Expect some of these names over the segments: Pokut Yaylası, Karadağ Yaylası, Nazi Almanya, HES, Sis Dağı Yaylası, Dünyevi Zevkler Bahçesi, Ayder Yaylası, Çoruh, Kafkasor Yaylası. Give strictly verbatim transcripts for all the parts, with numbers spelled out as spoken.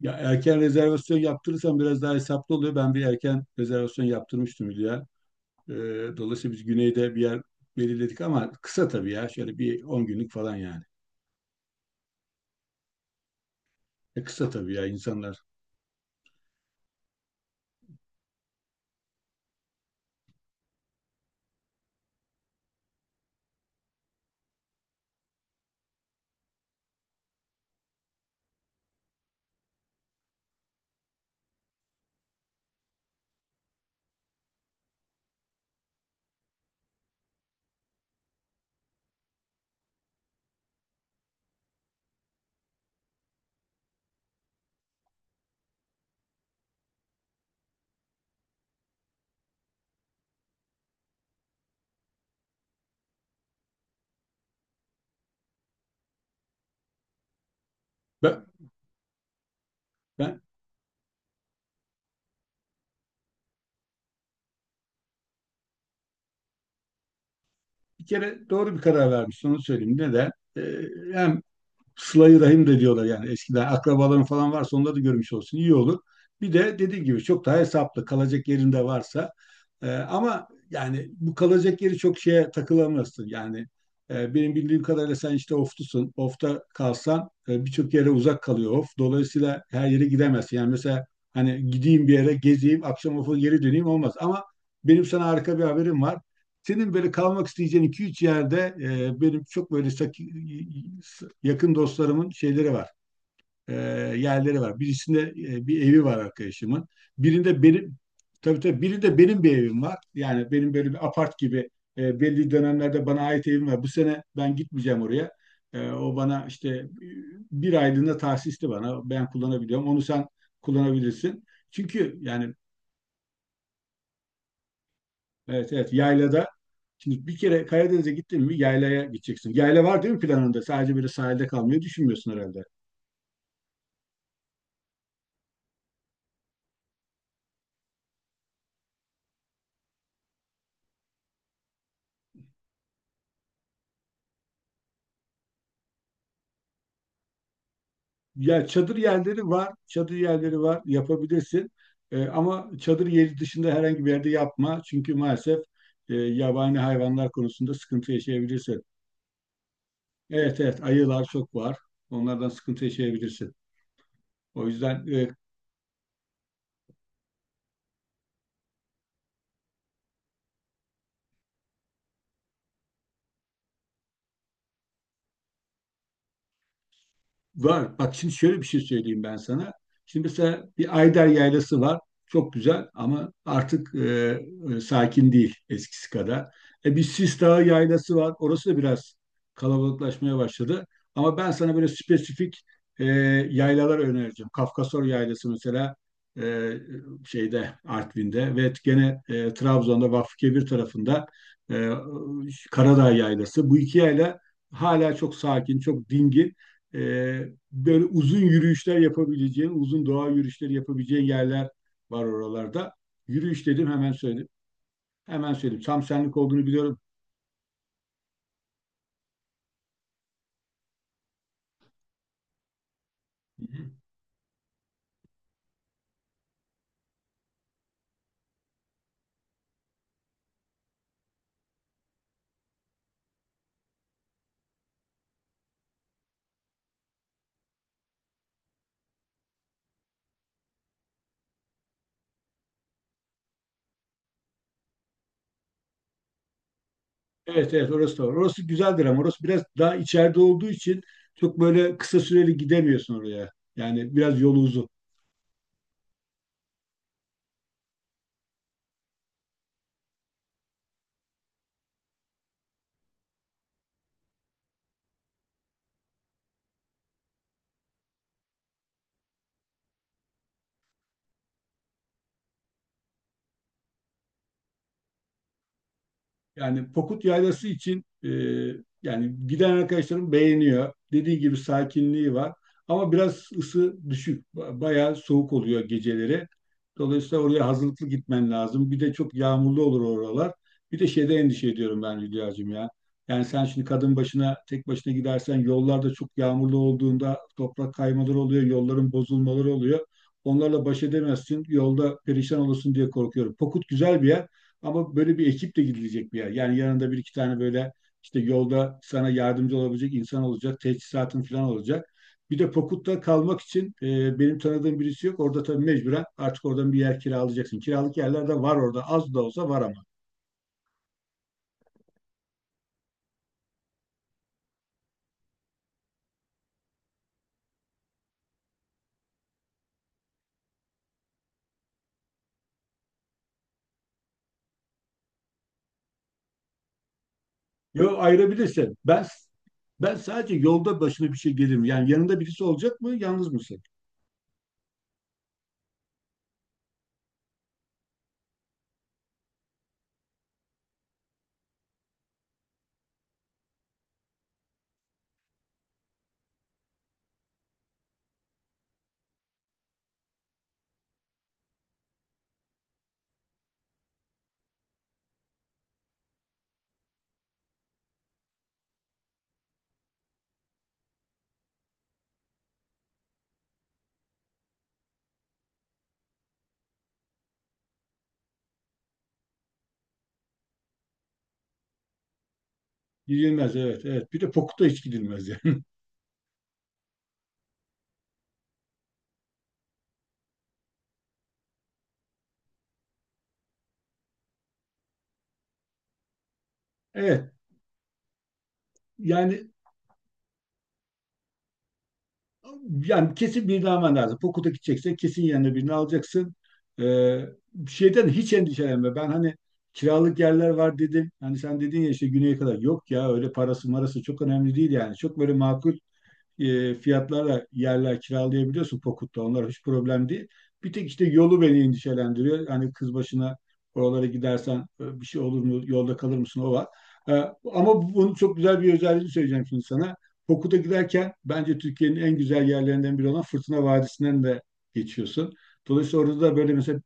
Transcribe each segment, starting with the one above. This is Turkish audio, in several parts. Ya erken rezervasyon yaptırırsan biraz daha hesaplı oluyor. Ben bir erken rezervasyon yaptırmıştım Hülya. Ee, Dolayısıyla biz güneyde bir yer belirledik ama kısa tabii ya. Şöyle bir on günlük falan yani. E, kısa tabii ya insanlar. Ben, ben bir kere doğru bir karar vermiştim, onu söyleyeyim. Neden? Ee, Hem Sıla-i Rahim de diyorlar yani, eskiden akrabaların falan varsa onları da görmüş olsun iyi olur. Bir de dediğim gibi çok daha hesaplı, kalacak yerinde varsa e, ama yani bu kalacak yeri çok şeye takılamazsın. Yani e, benim bildiğim kadarıyla sen işte oftusun. Ofta kalsan e, birçok yere uzak kalıyor of. Dolayısıyla her yere gidemezsin. Yani mesela hani gideyim bir yere gezeyim, akşam ofa geri döneyim olmaz. Ama benim sana harika bir haberim var. Senin böyle kalmak isteyeceğin iki üç yerde e, benim çok böyle sak- yakın dostlarımın şeyleri var. E, Yerleri var. Birisinde e, bir evi var arkadaşımın. Birinde benim Tabii tabii, birinde benim bir evim var. Yani benim böyle bir apart gibi e, belli dönemlerde bana ait evim var. Bu sene ben gitmeyeceğim oraya. E, o bana işte bir aylığına tahsisli, bana. Ben kullanabiliyorum. Onu sen kullanabilirsin. Çünkü yani evet evet, yaylada. Şimdi bir kere Karadeniz'e gittin mi yaylaya gideceksin. Yayla var değil mi planında? Sadece böyle sahilde kalmayı düşünmüyorsun herhalde. Ya çadır yerleri var, çadır yerleri var, yapabilirsin. E, ama çadır yeri dışında herhangi bir yerde yapma. Çünkü maalesef e, yabani hayvanlar konusunda sıkıntı yaşayabilirsin. Evet evet, ayılar çok var. Onlardan sıkıntı yaşayabilirsin. O yüzden e, var. Bak şimdi şöyle bir şey söyleyeyim ben sana. Şimdi mesela bir Ayder Yaylası var. Çok güzel ama artık e, e, sakin değil eskisi kadar. E, bir Sis Dağı Yaylası var. Orası da biraz kalabalıklaşmaya başladı. Ama ben sana böyle spesifik e, yaylalar önereceğim. Kafkasor Yaylası mesela, e, şeyde Artvin'de, ve gene e, Trabzon'da Vakfıkebir tarafında e, Karadağ Yaylası. Bu iki yayla hala çok sakin, çok dingin. Ee, böyle uzun yürüyüşler yapabileceğin, uzun doğa yürüyüşleri yapabileceğin yerler var oralarda. Yürüyüş dedim hemen söyledim. Hemen söyledim. Tam senlik olduğunu biliyorum. Hı hı. Evet evet, orası da var. Orası güzeldir ama orası biraz daha içeride olduğu için çok böyle kısa süreli gidemiyorsun oraya. Yani biraz yolu uzun. Yani Pokut Yaylası için e, yani giden arkadaşlarım beğeniyor. Dediği gibi sakinliği var. Ama biraz ısı düşük. Ba- Bayağı soğuk oluyor geceleri. Dolayısıyla oraya hazırlıklı gitmen lazım. Bir de çok yağmurlu olur oralar. Bir de şeyde endişe ediyorum ben Hülya'cığım ya. Yani sen şimdi kadın başına, tek başına gidersen, yollarda çok yağmurlu olduğunda toprak kaymaları oluyor, yolların bozulmaları oluyor. Onlarla baş edemezsin. Yolda perişan olursun diye korkuyorum. Pokut güzel bir yer. Ama böyle bir ekiple gidilecek bir yer. Yani yanında bir iki tane böyle işte yolda sana yardımcı olabilecek insan olacak, teçhizatın falan olacak. Bir de Pokut'ta kalmak için e, benim tanıdığım birisi yok. Orada tabii mecburen artık oradan bir yer kiralayacaksın. Kiralık yerler de var orada. Az da olsa var ama. Yo, ayırabilirsin. Ben ben sadece yolda başına bir şey gelir mi? Yani yanında birisi olacak mı? Yalnız mısın? Gidilmez, evet evet. Bir de Pokut'a hiç gidilmez yani. Evet. Yani yani kesin birini alman lazım. Pokut'a gideceksen kesin yanına birini alacaksın. Ee, Şeyden hiç endişelenme. Ben hani kiralık yerler var dedim. Hani sen dedin ya işte güneye kadar. Yok ya, öyle parası marası çok önemli değil yani. Çok böyle makul e, fiyatlarla yerler kiralayabiliyorsun Pokut'ta. Onlar hiç problem değil. Bir tek işte yolu beni endişelendiriyor. Hani kız başına oralara gidersen e, bir şey olur mu? Yolda kalır mısın? O var. E, Ama bunun çok güzel bir özelliğini söyleyeceğim şimdi sana. Pokut'a giderken bence Türkiye'nin en güzel yerlerinden biri olan Fırtına Vadisi'nden de geçiyorsun. Dolayısıyla orada da böyle mesela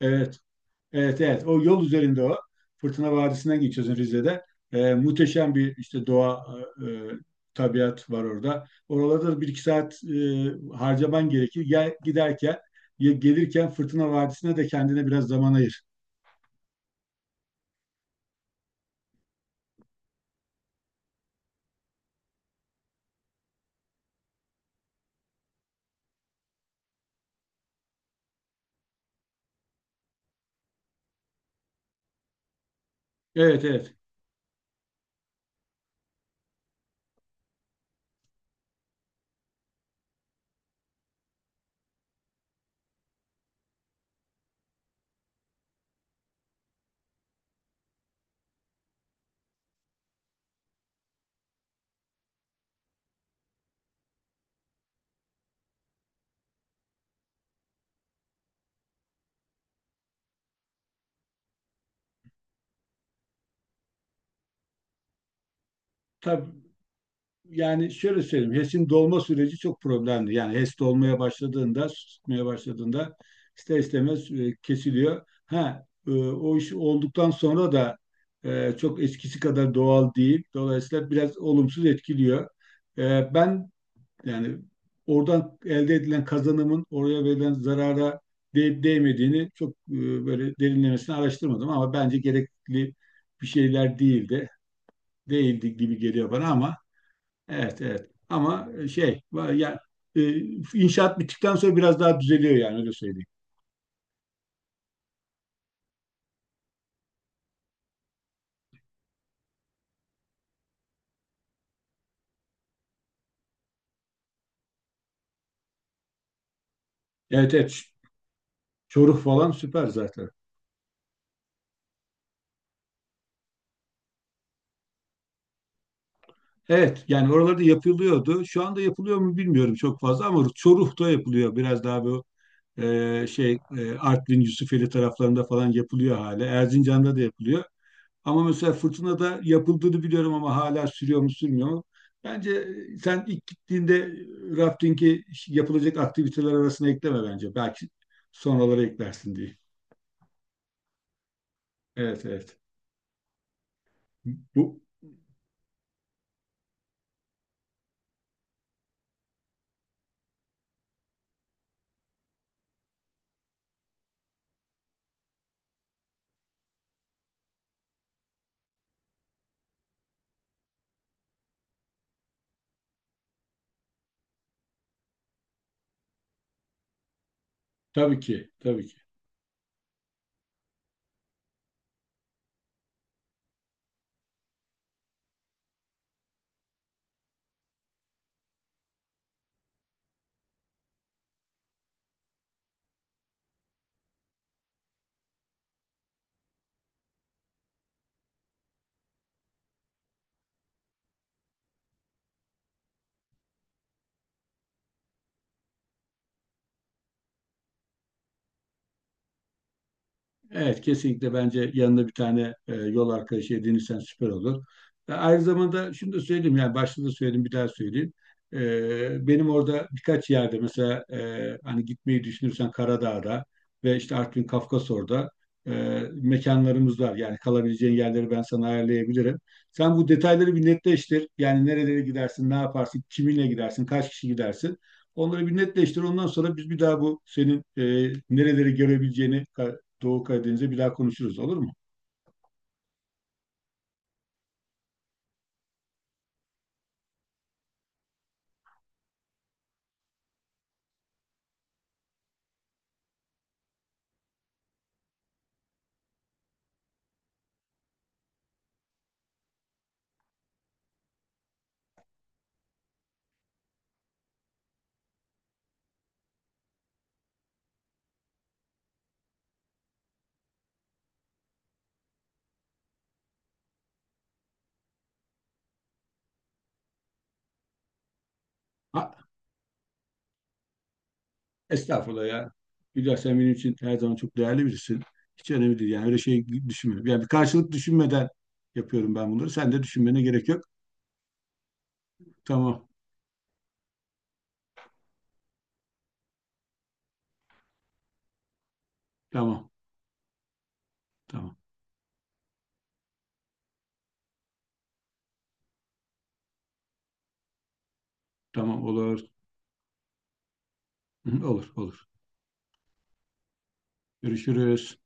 evet, evet evet, o yol üzerinde o. Fırtına Vadisi'nden geçiyorsun Rize'de. Ee, muhteşem bir işte doğa, e, e, tabiat var orada. Oralarda da bir iki saat e, harcaman gerekir. Gel, giderken ya gelirken Fırtına Vadisi'ne de kendine biraz zaman ayır. Evet evet. Tabii. Yani şöyle söyleyeyim, heş'in dolma süreci çok problemli. Yani heş dolmaya başladığında, su tutmaya başladığında, ister istemez e, kesiliyor. Ha, e, o iş olduktan sonra da e, çok eskisi kadar doğal değil. Dolayısıyla biraz olumsuz etkiliyor. E, ben yani oradan elde edilen kazanımın oraya verilen zarara değip değmediğini çok e, böyle derinlemesine araştırmadım ama bence gerekli bir şeyler değildi. Değildi gibi geliyor bana ama evet, evet. Ama e, şey, va- ya, e, inşaat bittikten sonra biraz daha düzeliyor yani, öyle söyleyeyim. Evet, evet. Ç- Çoruh falan süper zaten. Evet, yani oralarda yapılıyordu. Şu anda yapılıyor mu bilmiyorum çok fazla ama Çoruh'ta yapılıyor. Biraz daha bu e, şey e, Artvin, Yusufeli taraflarında falan yapılıyor hala. Erzincan'da da yapılıyor. Ama mesela fırtınada yapıldığını biliyorum ama hala sürüyor mu sürmüyor mu? Bence e, sen ilk gittiğinde e, rafting'i yapılacak aktiviteler arasına ekleme bence. Belki sonraları eklersin diye. Evet evet. Bu tabii ki tabii ki. Evet, kesinlikle bence yanında bir tane e, yol arkadaşı edinirsen süper olur. E, aynı zamanda şunu da söyleyeyim, yani başta da söyledim, bir daha söyleyeyim. E, benim orada birkaç yerde mesela, e, hani gitmeyi düşünürsen, Karadağ'da ve işte Artvin Kafkasor'da e, mekanlarımız var. Yani kalabileceğin yerleri ben sana ayarlayabilirim. Sen bu detayları bir netleştir. Yani nerelere gidersin, ne yaparsın, kiminle gidersin, kaç kişi gidersin. Onları bir netleştir. Ondan sonra biz bir daha bu senin e, nereleri görebileceğini, Doğu Karadeniz'e bir daha konuşuruz, olur mu? Ha, estağfurullah ya. Hülya, sen benim için her zaman çok değerli birisin. Hiç önemli değil. Yani öyle şey düşünmüyorum. Yani bir karşılık düşünmeden yapıyorum ben bunları. Sen de düşünmene gerek yok. Tamam, tamam, tamam, tamam olur. Olur, olur. Görüşürüz.